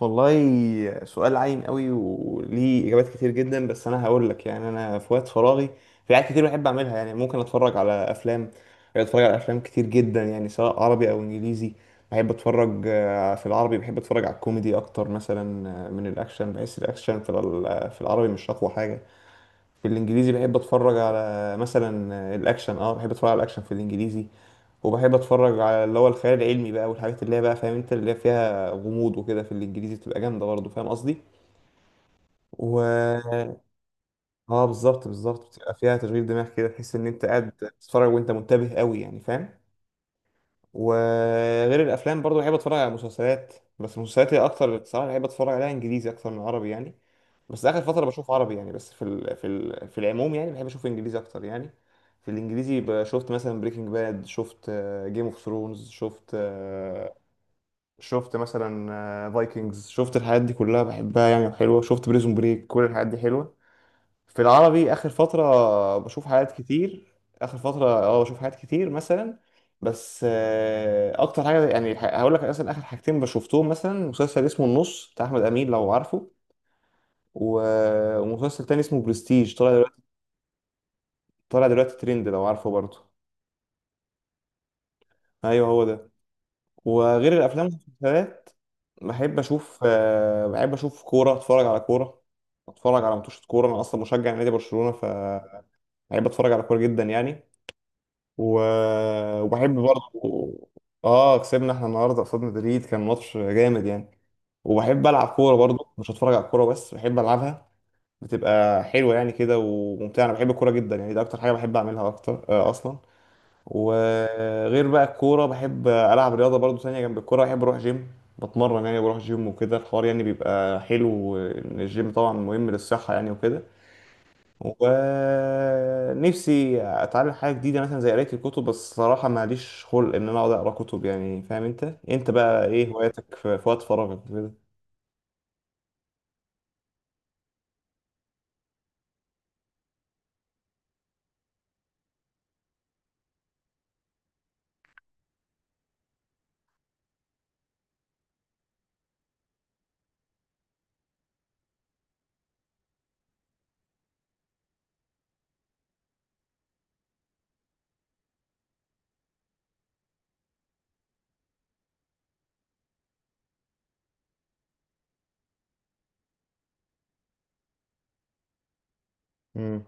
والله سؤال عايم قوي وليه اجابات كتير جدا، بس انا هقول لك. يعني انا في وقت فراغي في حاجات كتير بحب اعملها. يعني ممكن اتفرج على افلام، اتفرج على افلام كتير جدا، يعني سواء عربي او انجليزي. بحب اتفرج في العربي بحب اتفرج على الكوميدي اكتر مثلا. من الاكشن بحس الاكشن في العربي مش اقوى حاجه. في الانجليزي بحب اتفرج على مثلا الاكشن. اه بحب اتفرج على الاكشن في الانجليزي. وبحب اتفرج على اللي هو الخيال العلمي بقى، والحاجات اللي هي بقى فاهم انت اللي هي فيها غموض وكده، في الانجليزي بتبقى جامده برضه، فاهم قصدي. و اه بالظبط بالظبط، بتبقى فيها تشغيل دماغ كده، تحس ان انت قاعد بتتفرج وانت منتبه قوي، يعني فاهم. وغير الافلام برضه بحب اتفرج على مسلسلات، بس المسلسلات هي اكتر الصراحه بحب اتفرج عليها انجليزي اكتر من عربي يعني. بس اخر فتره بشوف عربي يعني، بس في العموم يعني بحب اشوف انجليزي اكتر يعني. في الانجليزي شفت مثلا بريكنج باد، شفت جيم اوف ثرونز، شفت شفت مثلا فايكنجز، شفت الحاجات دي كلها بحبها يعني وحلوه، شفت بريزون بريك، كل الحاجات دي حلوه. في العربي اخر فتره بشوف حاجات كتير، اخر فتره اه بشوف حاجات كتير مثلا، بس اكتر حاجه يعني هقول لك مثلا اخر حاجتين بشوفتهم، مثلا مسلسل اسمه النص بتاع احمد امين لو عارفه، ومسلسل تاني اسمه برستيج طالع دلوقتي، طالع دلوقتي ترند لو عارفه برضه. ايوه هو ده. وغير الافلام والمسلسلات بحب اشوف بحب اشوف كوره، اتفرج على كوره، اتفرج على ماتشات كوره. انا اصلا مشجع نادي برشلونه، فبحب اتفرج على كوره جدا يعني. و... وبحب برضه، اه كسبنا احنا النهارده قصاد مدريد، كان ماتش جامد يعني. وبحب العب كوره برضه، مش هتفرج على الكوره بس، بحب العبها، بتبقى حلوه يعني كده وممتعه. انا بحب الكوره جدا يعني، ده اكتر حاجه بحب اعملها اكتر اصلا. وغير بقى الكورة بحب ألعب رياضة برضو تانية جنب الكورة، بحب أروح جيم، بتمرن يعني، بروح جيم وكده. الحوار يعني بيبقى حلو، إن الجيم طبعا مهم للصحة يعني وكده. ونفسي أتعلم حاجة جديدة مثلا زي قراية الكتب، بس صراحة ماليش خلق إن أنا أقعد أقرأ كتب، يعني فاهم أنت. أنت بقى إيه هواياتك في وقت فراغك كده؟ امم،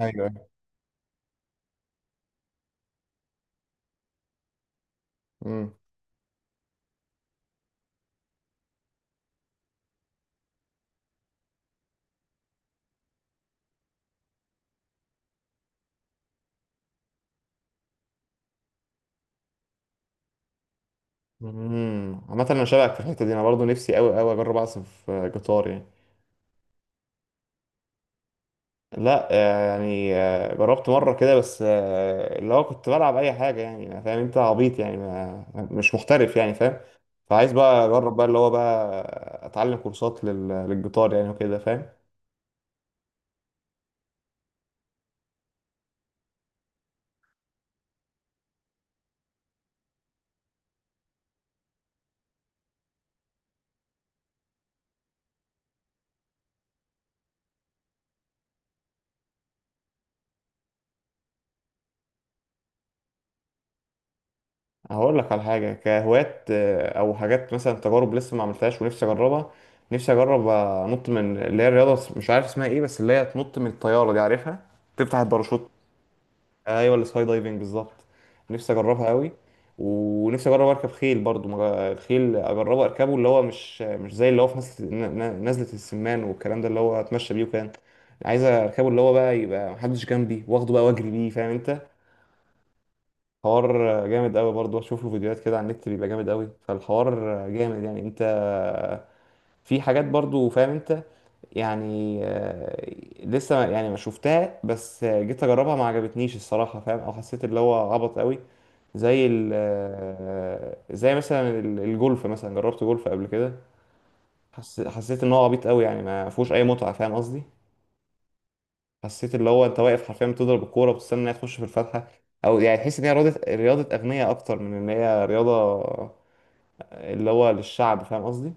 ايوه، امم، امم، عامة أنا شبهك في الحتة دي، أنا برضو نفسي أوي أجرب أعزف جيتار يعني. لا يعني جربت مرة كده، بس اللي هو كنت بلعب أي حاجة يعني، ما فاهم أنت عبيط يعني، ما مش محترف يعني فاهم. فعايز بقى أجرب بقى اللي هو بقى أتعلم كورسات للجيتار يعني وكده فاهم. هقول لك على حاجة كهوايات، أو حاجات مثلا تجارب لسه ما عملتهاش ونفسي أجربها. نفسي أجرب أنط من اللي هي الرياضة، مش عارف اسمها إيه، بس اللي هي تنط من الطيارة دي، عارفها، تفتح الباراشوت. ايوه السكاي دايفنج بالظبط، نفسي اجربها قوي. ونفسي اجرب اركب خيل برضو، الخيل اجربه اركبه اللي هو مش زي اللي هو في نزله نزلة السمان والكلام ده، اللي هو اتمشى بيه وكان عايز اركبه اللي هو بقى يبقى محدش جنبي، واخده بقى واجري بيه فاهم انت. حوار جامد قوي برضو، اشوف له فيديوهات كده على النت بيبقى جامد قوي، فالحوار جامد يعني انت. في حاجات برضو فاهم انت يعني لسه يعني ما شفتها، بس جيت اجربها ما عجبتنيش الصراحه فاهم، او حسيت اللي هو عبط قوي، زي ال آه، زي مثلا الجولف مثلا، جربت جولف قبل كده. حسيت ان هو عبيط قوي يعني، ما فيهوش اي متعه فاهم قصدي. حسيت اللي هو انت واقف حرفيا بتضرب الكوره وبتستنى انها تخش في الفتحه، او يعني تحس ان هي رياضه اغنياء اكتر من ان هي رياضه اللي هو للشعب فاهم قصدي.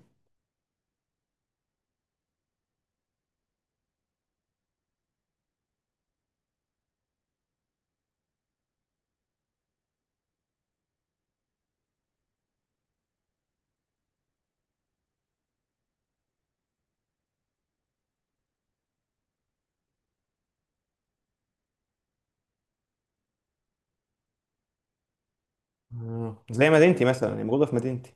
مم، زي مدينتي مثلا يعني موجوده في مدينتي.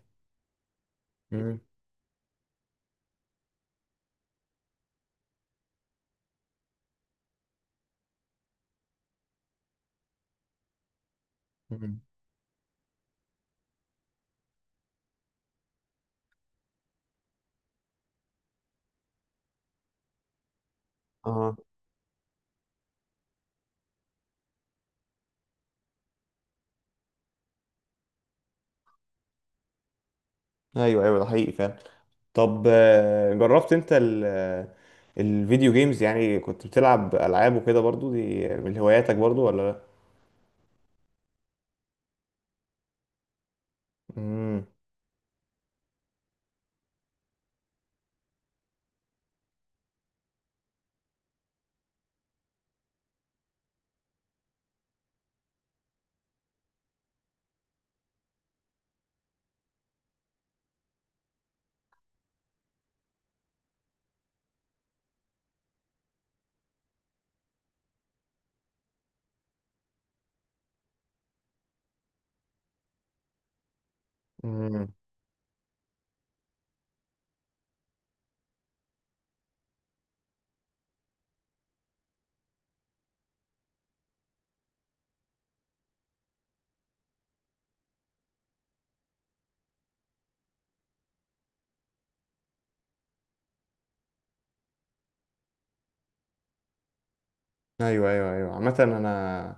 مم. اه ايوه ايوه، ده حقيقي فعلا. طب جربت انت ال آه، الفيديو جيمز؟ يعني كنت بتلعب العاب وكده برضو؟ دي من هواياتك برضو ولا لا؟ امم، امم، ايوه ايوه ايوه. عامه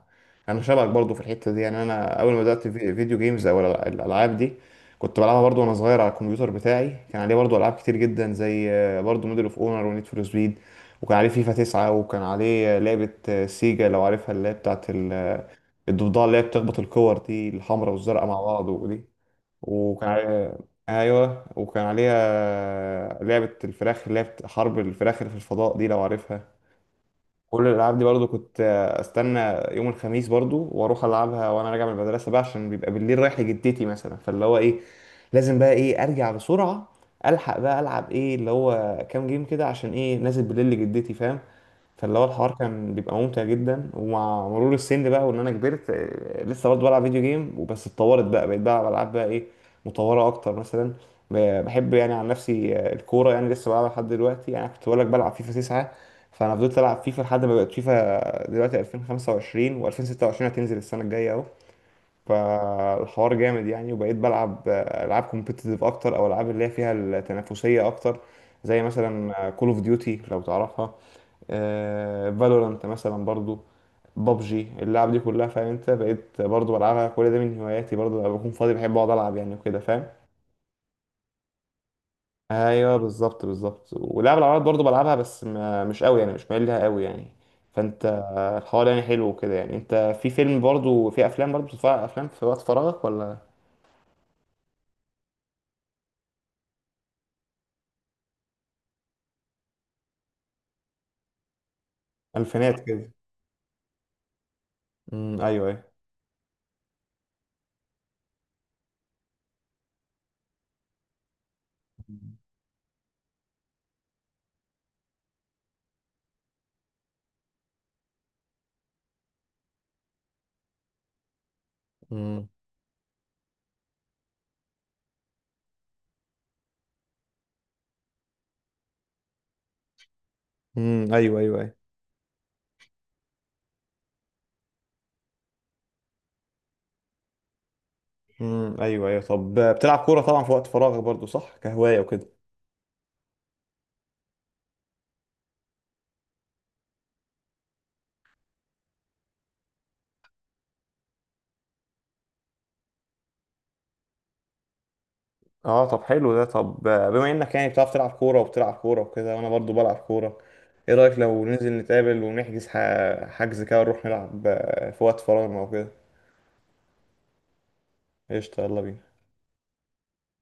انا شبهك برضو في الحته دي يعني. انا اول ما بدات في فيديو جيمز او الالعاب دي كنت بلعبها برضو وانا صغير. على الكمبيوتر بتاعي كان عليه برضو العاب كتير جدا، زي برضو موديل اوف اونر ونيد فور سبيد، وكان عليه فيفا 9، وكان عليه لعبه سيجا لو عارفها، اللي هي بتاعت الضفدعة اللي هي بتخبط الكور دي الحمراء والزرقاء مع بعض، ودي وكان عليها، أيوة وكان عليها لعبة الفراخ اللي هي حرب الفراخ اللي في الفضاء دي لو عارفها. كل الالعاب دي برضو كنت استنى يوم الخميس برضو واروح العبها وانا راجع من المدرسه بقى، عشان بيبقى بالليل رايح لجدتي مثلا، فاللي هو ايه لازم بقى ايه ارجع بسرعه، الحق بقى العب ايه اللي هو كام جيم كده، عشان ايه نازل بالليل لجدتي فاهم. فاللي هو الحوار كان بيبقى ممتع جدا. ومع مرور السن بقى وان انا كبرت لسه برضه بلعب فيديو جيم، وبس اتطورت بقى، بقيت بلعب العاب بقى ايه مطوره اكتر مثلا. بحب يعني عن نفسي الكوره يعني لسه بلعبها لحد دلوقتي. يعني كنت بقول لك بلعب فيفا 9، فانا فضلت العب فيفا لحد ما بقت فيفا دلوقتي 2025، و2026 هتنزل السنه الجايه اهو. فالحوار جامد يعني، وبقيت بلعب العاب كومبيتيتيف اكتر، او العاب اللي هي فيها التنافسيه اكتر، زي مثلا كول اوف ديوتي لو تعرفها، فالورانت مثلا برضو، بابجي، اللعب دي كلها فاهم انت، بقيت برضو بلعبها. كل ده من هواياتي برضو، لما بكون فاضي بحب اقعد العب يعني وكده فاهم. ايوه بالظبط بالظبط. ولعب العربيات برضو بلعبها، بس ما مش قوي يعني، مش مايل لها قوي يعني. فانت الحوار يعني حلو وكده يعني انت. في فيلم برضو في افلام برضو بتتفرج على افلام في وقت فراغك ولا؟ الفينات كده، ايوه ايوه، امم، أمم، ايوه ايوه ايوه، امم، ايوه ايوه. طب بتلعب كوره طبعا في وقت فراغك برضو صح، كهوايه وكده. اه طب حلو ده. طب بما انك يعني بتعرف تلعب كوره وبتلعب كوره وكده، وانا برضو بلعب كوره، ايه رايك لو ننزل نتقابل ونحجز حجز كده ونروح نلعب في وقت فراغنا وكده؟ قشطة يلا بينا.